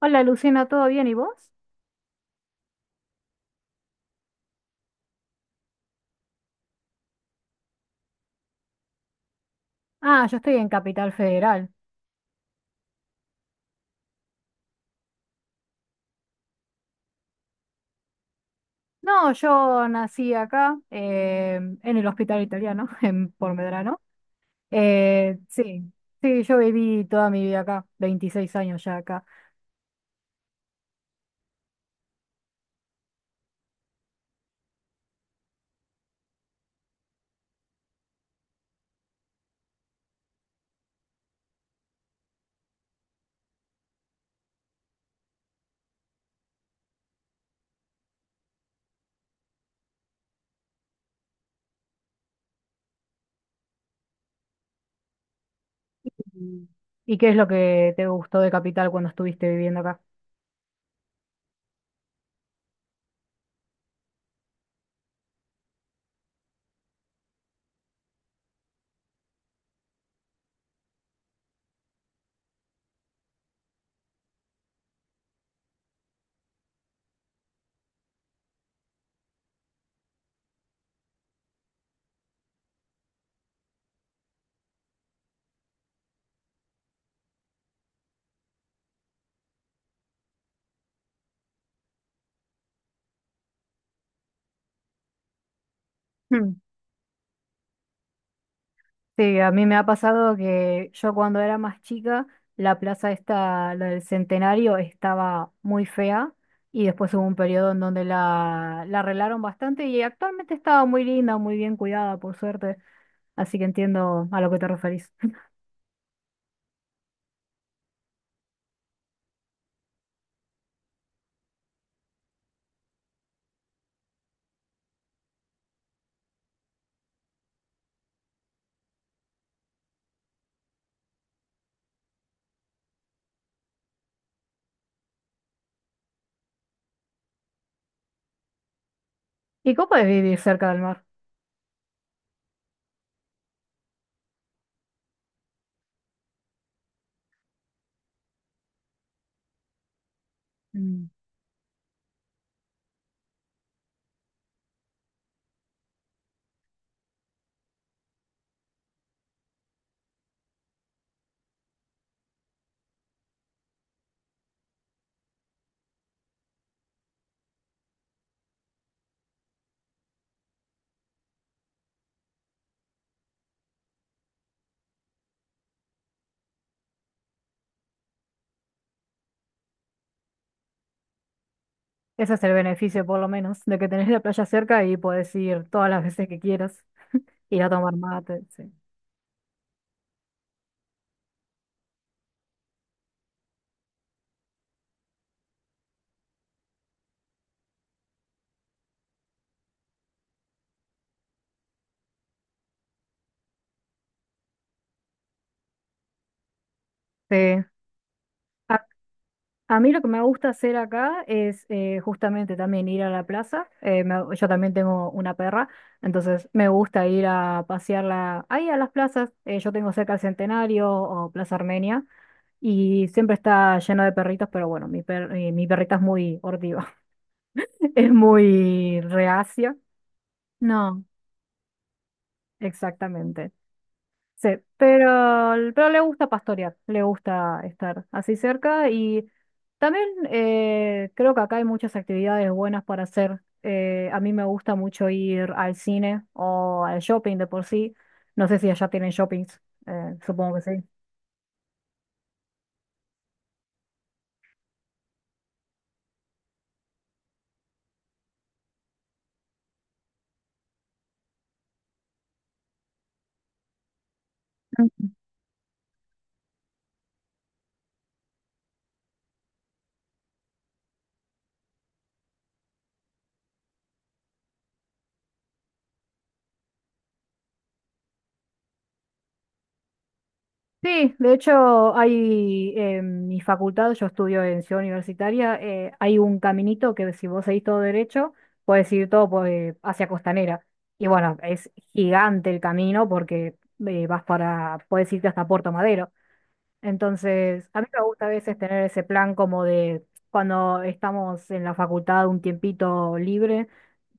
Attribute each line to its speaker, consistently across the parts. Speaker 1: Hola Lucina, ¿todo bien? ¿Y vos? Ah, yo estoy en Capital Federal. No, yo nací acá, en el hospital italiano, en por Medrano. Sí, sí, yo viví toda mi vida acá, 26 años ya acá. ¿Y y qué es lo que te gustó de Capital cuando estuviste viviendo acá? Sí, a mí me ha pasado que yo cuando era más chica, la plaza esta, la del Centenario, estaba muy fea y después hubo un periodo en donde la arreglaron bastante y actualmente estaba muy linda, muy bien cuidada, por suerte, así que entiendo a lo que te referís. ¿Y cómo podés vivir cerca del mar? Mm. Ese es el beneficio, por lo menos, de que tenés la playa cerca y podés ir todas las veces que quieras, ir a tomar mate, sí. Sí. A mí lo que me gusta hacer acá es justamente también ir a la plaza. Yo también tengo una perra, entonces me gusta ir a pasearla ahí a las plazas. Yo tengo cerca el Centenario o Plaza Armenia y siempre está lleno de perritos, pero bueno, mi perrita es muy hortiva, es muy reacia. No, exactamente. Sí, pero, pero le gusta pastorear, le gusta estar así cerca y también creo que acá hay muchas actividades buenas para hacer. A mí me gusta mucho ir al cine o al shopping de por sí. No sé si allá tienen shoppings, supongo que sí. Sí, de hecho hay en mi facultad, yo estudio en Ciudad Universitaria, hay un caminito que si vos seguís todo derecho, puedes ir todo hacia Costanera. Y bueno, es gigante el camino porque puedes irte hasta Puerto Madero. Entonces, a mí me gusta a veces tener ese plan como de cuando estamos en la facultad un tiempito libre,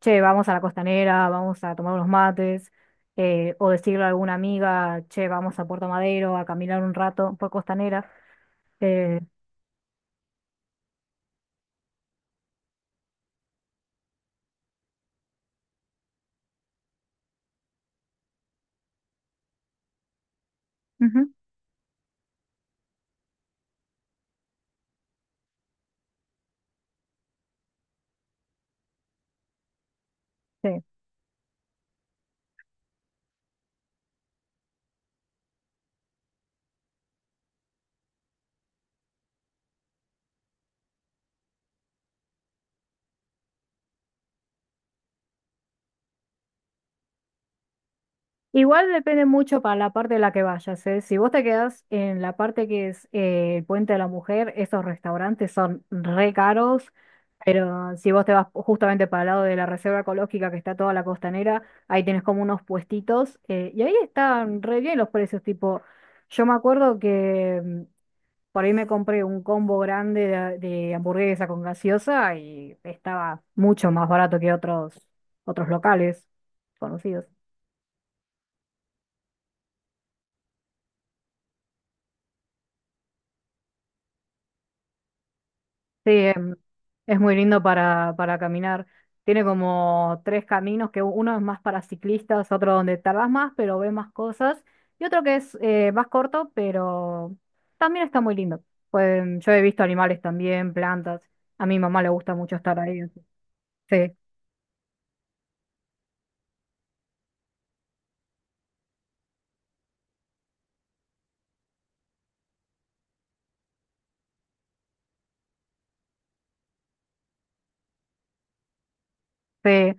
Speaker 1: che, vamos a la costanera, vamos a tomar unos mates, o decirle a alguna amiga, che, vamos a Puerto Madero a caminar un rato por costanera. Eh, ujú, sí. Igual depende mucho para la parte de la que vayas, ¿eh? Si vos te quedás en la parte que es el Puente de la Mujer, esos restaurantes son re caros, pero si vos te vas justamente para el lado de la reserva ecológica que está toda la costanera, ahí tenés como unos puestitos y ahí están re bien los precios, tipo, yo me acuerdo que mm, por ahí me compré un combo grande de hamburguesa con gaseosa y estaba mucho más barato que otros, otros locales conocidos. Sí, em, es muy lindo para caminar. Tiene como tres caminos, que uno es más para ciclistas, otro donde tardas más, pero ves más cosas, y otro que es más corto, pero también está muy lindo. Pues yo he visto animales también, plantas. A mi mamá le gusta mucho estar ahí. Así. Sí, sí.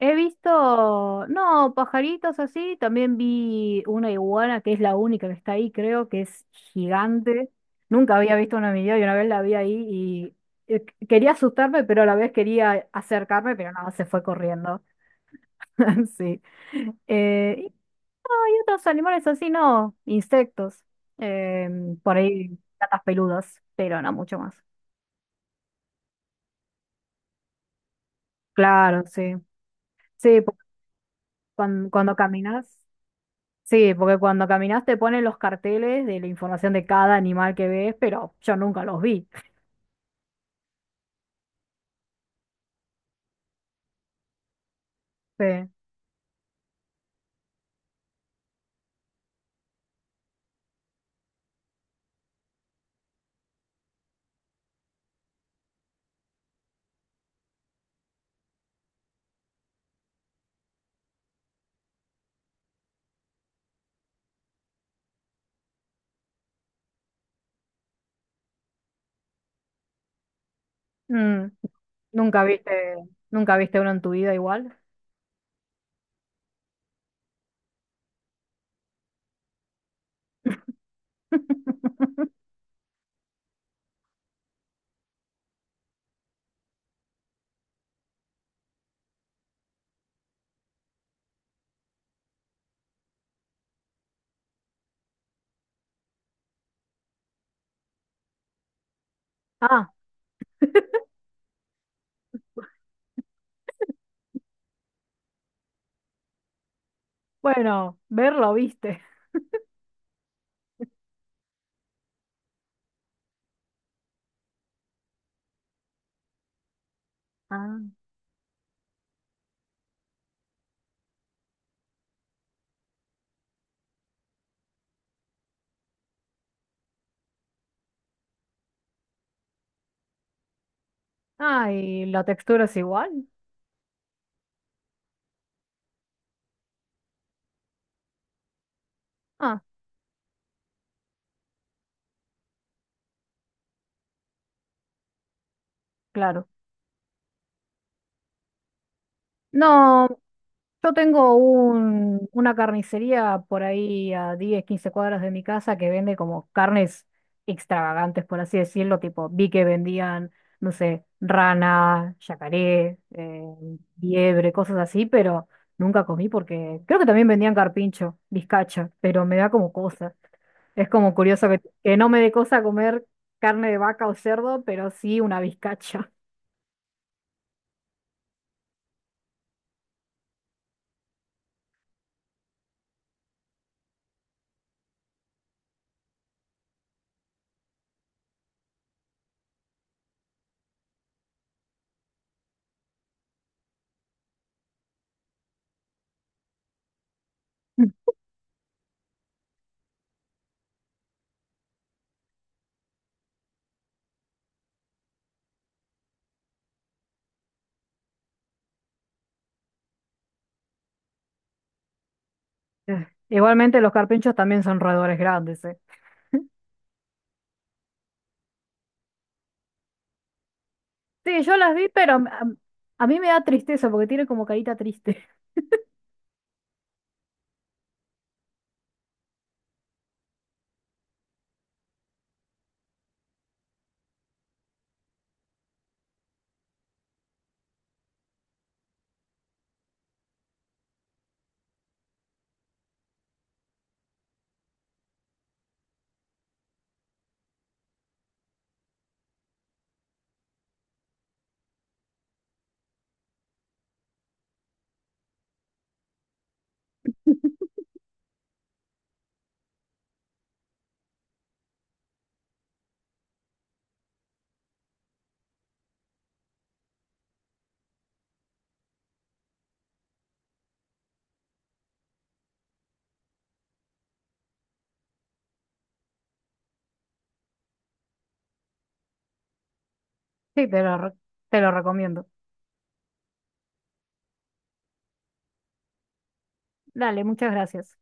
Speaker 1: He visto, no, pajaritos así, también vi una iguana que es la única que está ahí, creo que es gigante. Nunca había visto una en mi vida y una vez la vi ahí y quería asustarme, pero a la vez quería acercarme, pero nada, se fue corriendo. Sí. Eh, y otros animales así, no, insectos, em, por ahí gatas peludas, pero no mucho más. Claro, sí. Sí, porque cuando, caminas. Sí, porque cuando caminas te ponen los carteles de la información de cada animal que ves, pero yo nunca los vi. Sí. Mm, nunca viste, nunca viste uno en tu vida igual. Ah, bueno, verlo viste. Ah, ah, y la textura es igual. Ah, claro. No, yo tengo una carnicería por ahí a 10 o 15 cuadras de mi casa que vende como carnes extravagantes, por así decirlo, tipo vi que vendían, no sé, rana, yacaré, liebre, cosas así, pero nunca comí porque creo que también vendían carpincho, bizcacha, pero me da como cosa. Es como curioso que no me dé cosa comer carne de vaca o cerdo, pero sí una bizcacha. Igualmente los carpinchos también son roedores grandes, eh. Sí, yo las vi, pero a mí me da tristeza porque tiene como carita triste. Sí, te lo recomiendo. Dale, muchas gracias.